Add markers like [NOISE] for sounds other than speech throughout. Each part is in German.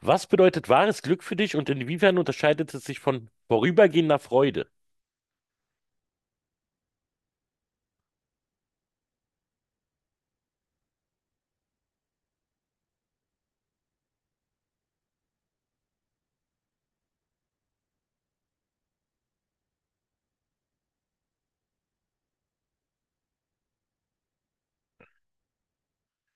Was bedeutet wahres Glück für dich und inwiefern unterscheidet es sich von vorübergehender Freude?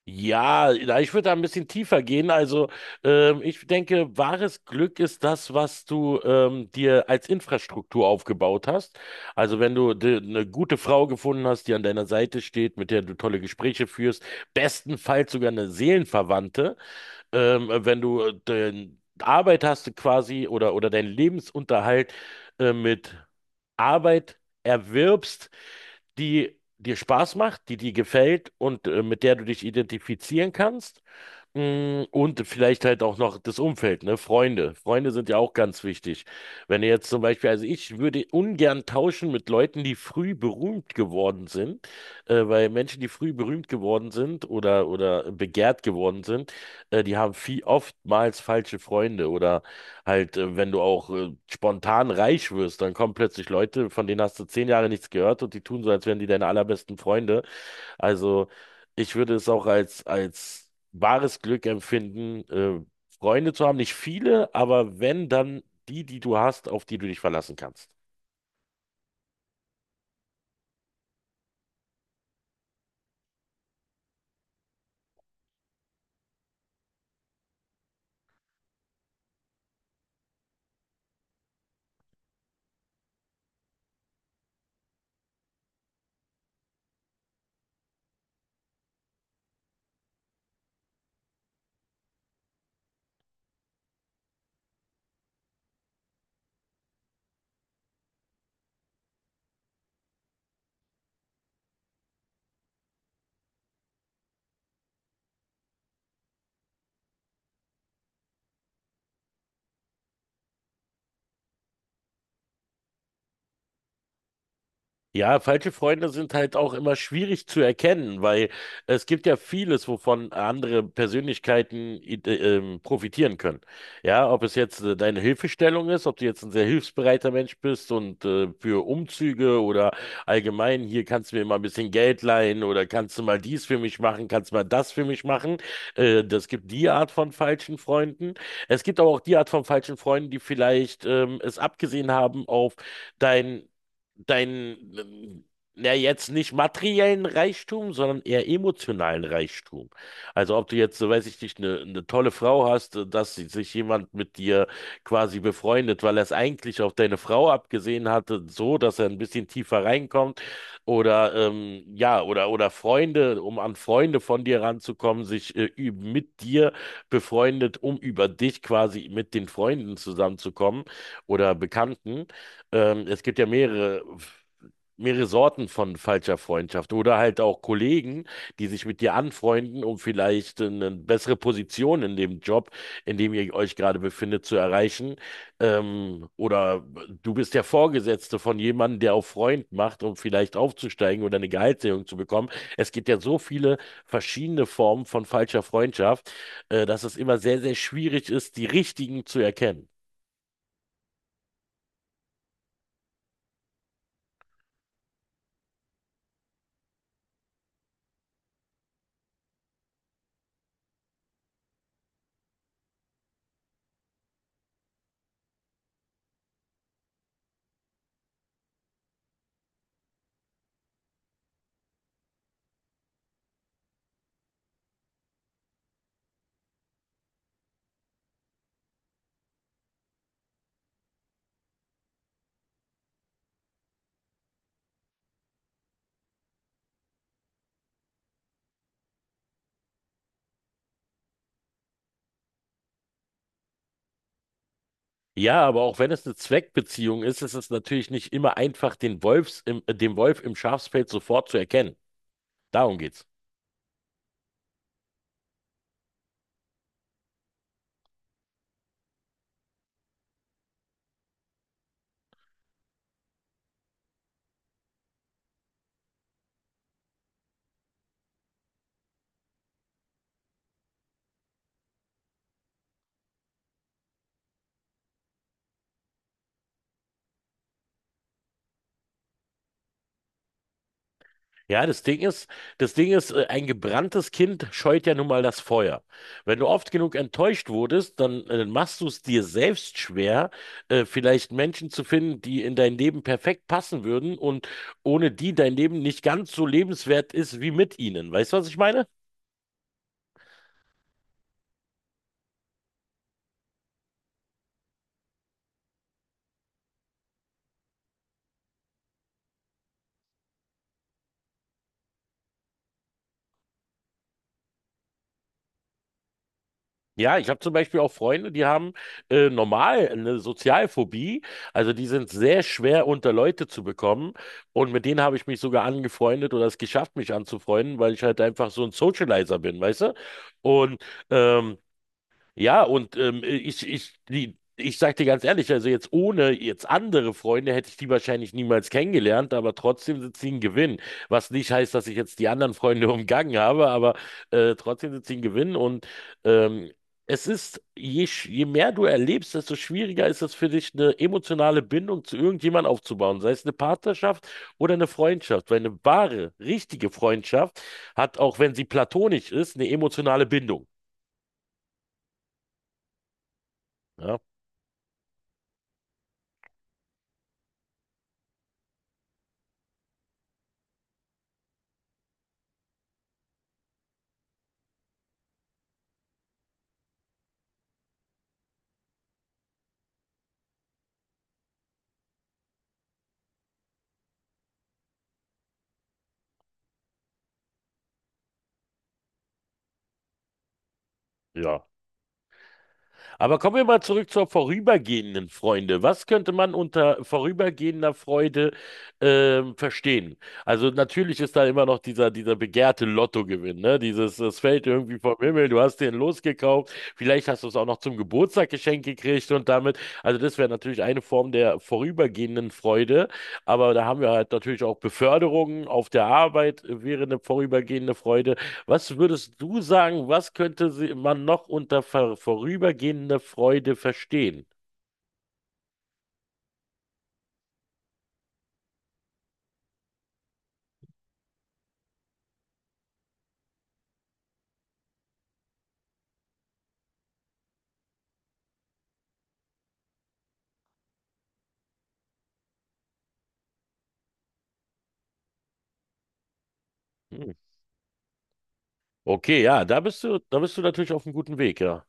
Ja, na, ich würde da ein bisschen tiefer gehen. Also, ich denke, wahres Glück ist das, was du dir als Infrastruktur aufgebaut hast. Also, wenn du eine gute Frau gefunden hast, die an deiner Seite steht, mit der du tolle Gespräche führst, bestenfalls sogar eine Seelenverwandte, wenn du den Arbeit hast quasi oder deinen Lebensunterhalt mit Arbeit erwirbst, die dir Spaß macht, die dir gefällt und mit der du dich identifizieren kannst. Und vielleicht halt auch noch das Umfeld, ne? Freunde. Freunde sind ja auch ganz wichtig. Wenn du jetzt zum Beispiel, also ich würde ungern tauschen mit Leuten, die früh berühmt geworden sind, weil Menschen, die früh berühmt geworden sind oder begehrt geworden sind, die haben viel oftmals falsche Freunde oder halt, wenn du auch spontan reich wirst, dann kommen plötzlich Leute, von denen hast du 10 Jahre nichts gehört und die tun so, als wären die deine allerbesten Freunde. Also ich würde es auch als wahres Glück empfinden, Freunde zu haben. Nicht viele, aber wenn, dann die, die du hast, auf die du dich verlassen kannst. Ja, falsche Freunde sind halt auch immer schwierig zu erkennen, weil es gibt ja vieles, wovon andere Persönlichkeiten profitieren können. Ja, ob es jetzt deine Hilfestellung ist, ob du jetzt ein sehr hilfsbereiter Mensch bist und für Umzüge oder allgemein, hier kannst du mir mal ein bisschen Geld leihen oder kannst du mal dies für mich machen, kannst du mal das für mich machen. Das gibt die Art von falschen Freunden. Es gibt aber auch die Art von falschen Freunden, die vielleicht es abgesehen haben auf dein deinen, ja jetzt nicht materiellen Reichtum, sondern eher emotionalen Reichtum. Also ob du jetzt, so weiß ich nicht, eine tolle Frau hast, dass sich jemand mit dir quasi befreundet, weil er es eigentlich auf deine Frau abgesehen hatte, so, dass er ein bisschen tiefer reinkommt. Oder ja, oder Freunde, um an Freunde von dir ranzukommen, sich mit dir befreundet, um über dich quasi mit den Freunden zusammenzukommen oder Bekannten. Es gibt ja mehrere Sorten von falscher Freundschaft oder halt auch Kollegen, die sich mit dir anfreunden, um vielleicht eine bessere Position in dem Job, in dem ihr euch gerade befindet, zu erreichen. Oder du bist der Vorgesetzte von jemandem, der auf Freund macht, um vielleicht aufzusteigen oder eine Gehaltserhöhung zu bekommen. Es gibt ja so viele verschiedene Formen von falscher Freundschaft, dass es immer sehr, sehr schwierig ist, die richtigen zu erkennen. Ja, aber auch wenn es eine Zweckbeziehung ist, ist es natürlich nicht immer einfach, den den Wolf im Schafspelz sofort zu erkennen. Darum geht's. Ja, das Ding ist, ein gebranntes Kind scheut ja nun mal das Feuer. Wenn du oft genug enttäuscht wurdest, dann machst du es dir selbst schwer, vielleicht Menschen zu finden, die in dein Leben perfekt passen würden und ohne die dein Leben nicht ganz so lebenswert ist wie mit ihnen. Weißt du, was ich meine? Ja, ich habe zum Beispiel auch Freunde, die haben normal eine Sozialphobie. Also die sind sehr schwer unter Leute zu bekommen. Und mit denen habe ich mich sogar angefreundet oder es geschafft, mich anzufreunden, weil ich halt einfach so ein Socializer bin, weißt du? Und ähm, ja, ich sag dir ganz ehrlich, also jetzt ohne jetzt andere Freunde hätte ich die wahrscheinlich niemals kennengelernt, aber trotzdem sind sie ein Gewinn. Was nicht heißt, dass ich jetzt die anderen Freunde [LAUGHS] umgangen habe, aber trotzdem sind sie ein Gewinn. Und ähm, es ist, je mehr du erlebst, desto schwieriger ist es für dich, eine emotionale Bindung zu irgendjemandem aufzubauen, sei es eine Partnerschaft oder eine Freundschaft. Weil eine wahre, richtige Freundschaft hat, auch wenn sie platonisch ist, eine emotionale Bindung. Ja. Ja. Aber kommen wir mal zurück zur vorübergehenden Freude. Was könnte man unter vorübergehender Freude verstehen? Also natürlich ist da immer noch dieser, dieser begehrte Lottogewinn, ne? Dieses, es fällt irgendwie vom Himmel, du hast den losgekauft, vielleicht hast du es auch noch zum Geburtstag geschenkt gekriegt und damit, also das wäre natürlich eine Form der vorübergehenden Freude, aber da haben wir halt natürlich auch Beförderungen auf der Arbeit, wäre eine vorübergehende Freude. Was würdest du sagen, was könnte man noch unter ver vorübergehender Freude verstehen? Hm. Okay, ja, da bist du natürlich auf einem guten Weg, ja.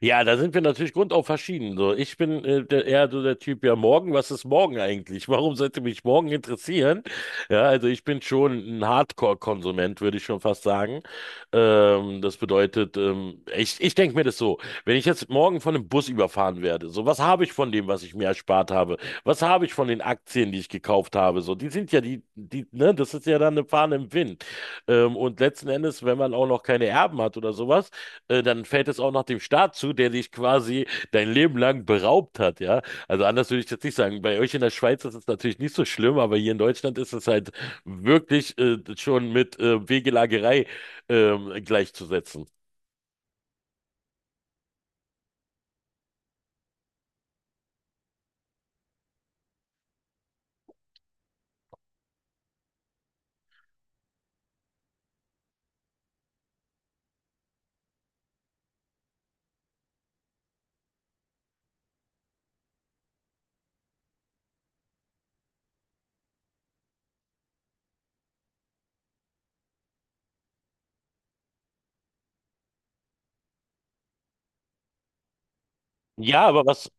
Ja, da sind wir natürlich grundauf verschieden. So, ich bin eher so der Typ, ja, morgen, was ist morgen eigentlich? [LAUGHS] Warum sollte mich morgen interessieren? Ja, also ich bin schon ein Hardcore-Konsument, würde ich schon fast sagen. Das bedeutet, ich denke mir das so, wenn ich jetzt morgen von einem Bus überfahren werde, so, was habe ich von dem, was ich mir erspart habe? Was habe ich von den Aktien, die ich gekauft habe? So, die sind ja die, ne, das ist ja dann eine Fahne im Wind. Und letzten Endes, wenn man auch noch keine Erben hat oder sowas, dann fällt es auch noch dem Staat zu, der dich quasi dein Leben lang beraubt hat, ja. Also anders würde ich jetzt nicht sagen. Bei euch in der Schweiz ist es natürlich nicht so schlimm, aber hier in Deutschland ist es halt wirklich schon mit Wegelagerei gleichzusetzen. Ja, aber was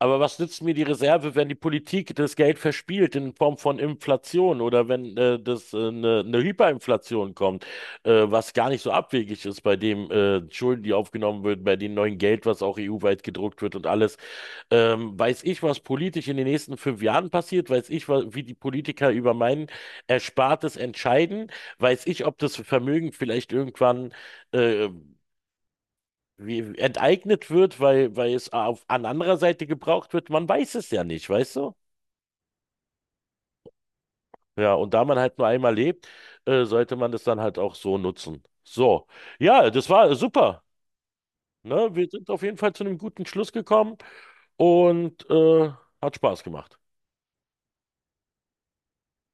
Aber was nützt mir die Reserve, wenn die Politik das Geld verspielt in Form von Inflation oder wenn das eine Hyperinflation kommt, was gar nicht so abwegig ist bei dem Schulden, die aufgenommen werden, bei dem neuen Geld, was auch EU-weit gedruckt wird und alles. Weiß ich, was politisch in den nächsten 5 Jahren passiert? Weiß ich, wie die Politiker über mein Erspartes entscheiden? Weiß ich, ob das Vermögen vielleicht irgendwann äh, wie enteignet wird, weil es an anderer Seite gebraucht wird. Man weiß es ja nicht, weißt du? Ja, und da man halt nur einmal lebt, sollte man das dann halt auch so nutzen. So, ja, das war super. Ne? Wir sind auf jeden Fall zu einem guten Schluss gekommen und hat Spaß gemacht.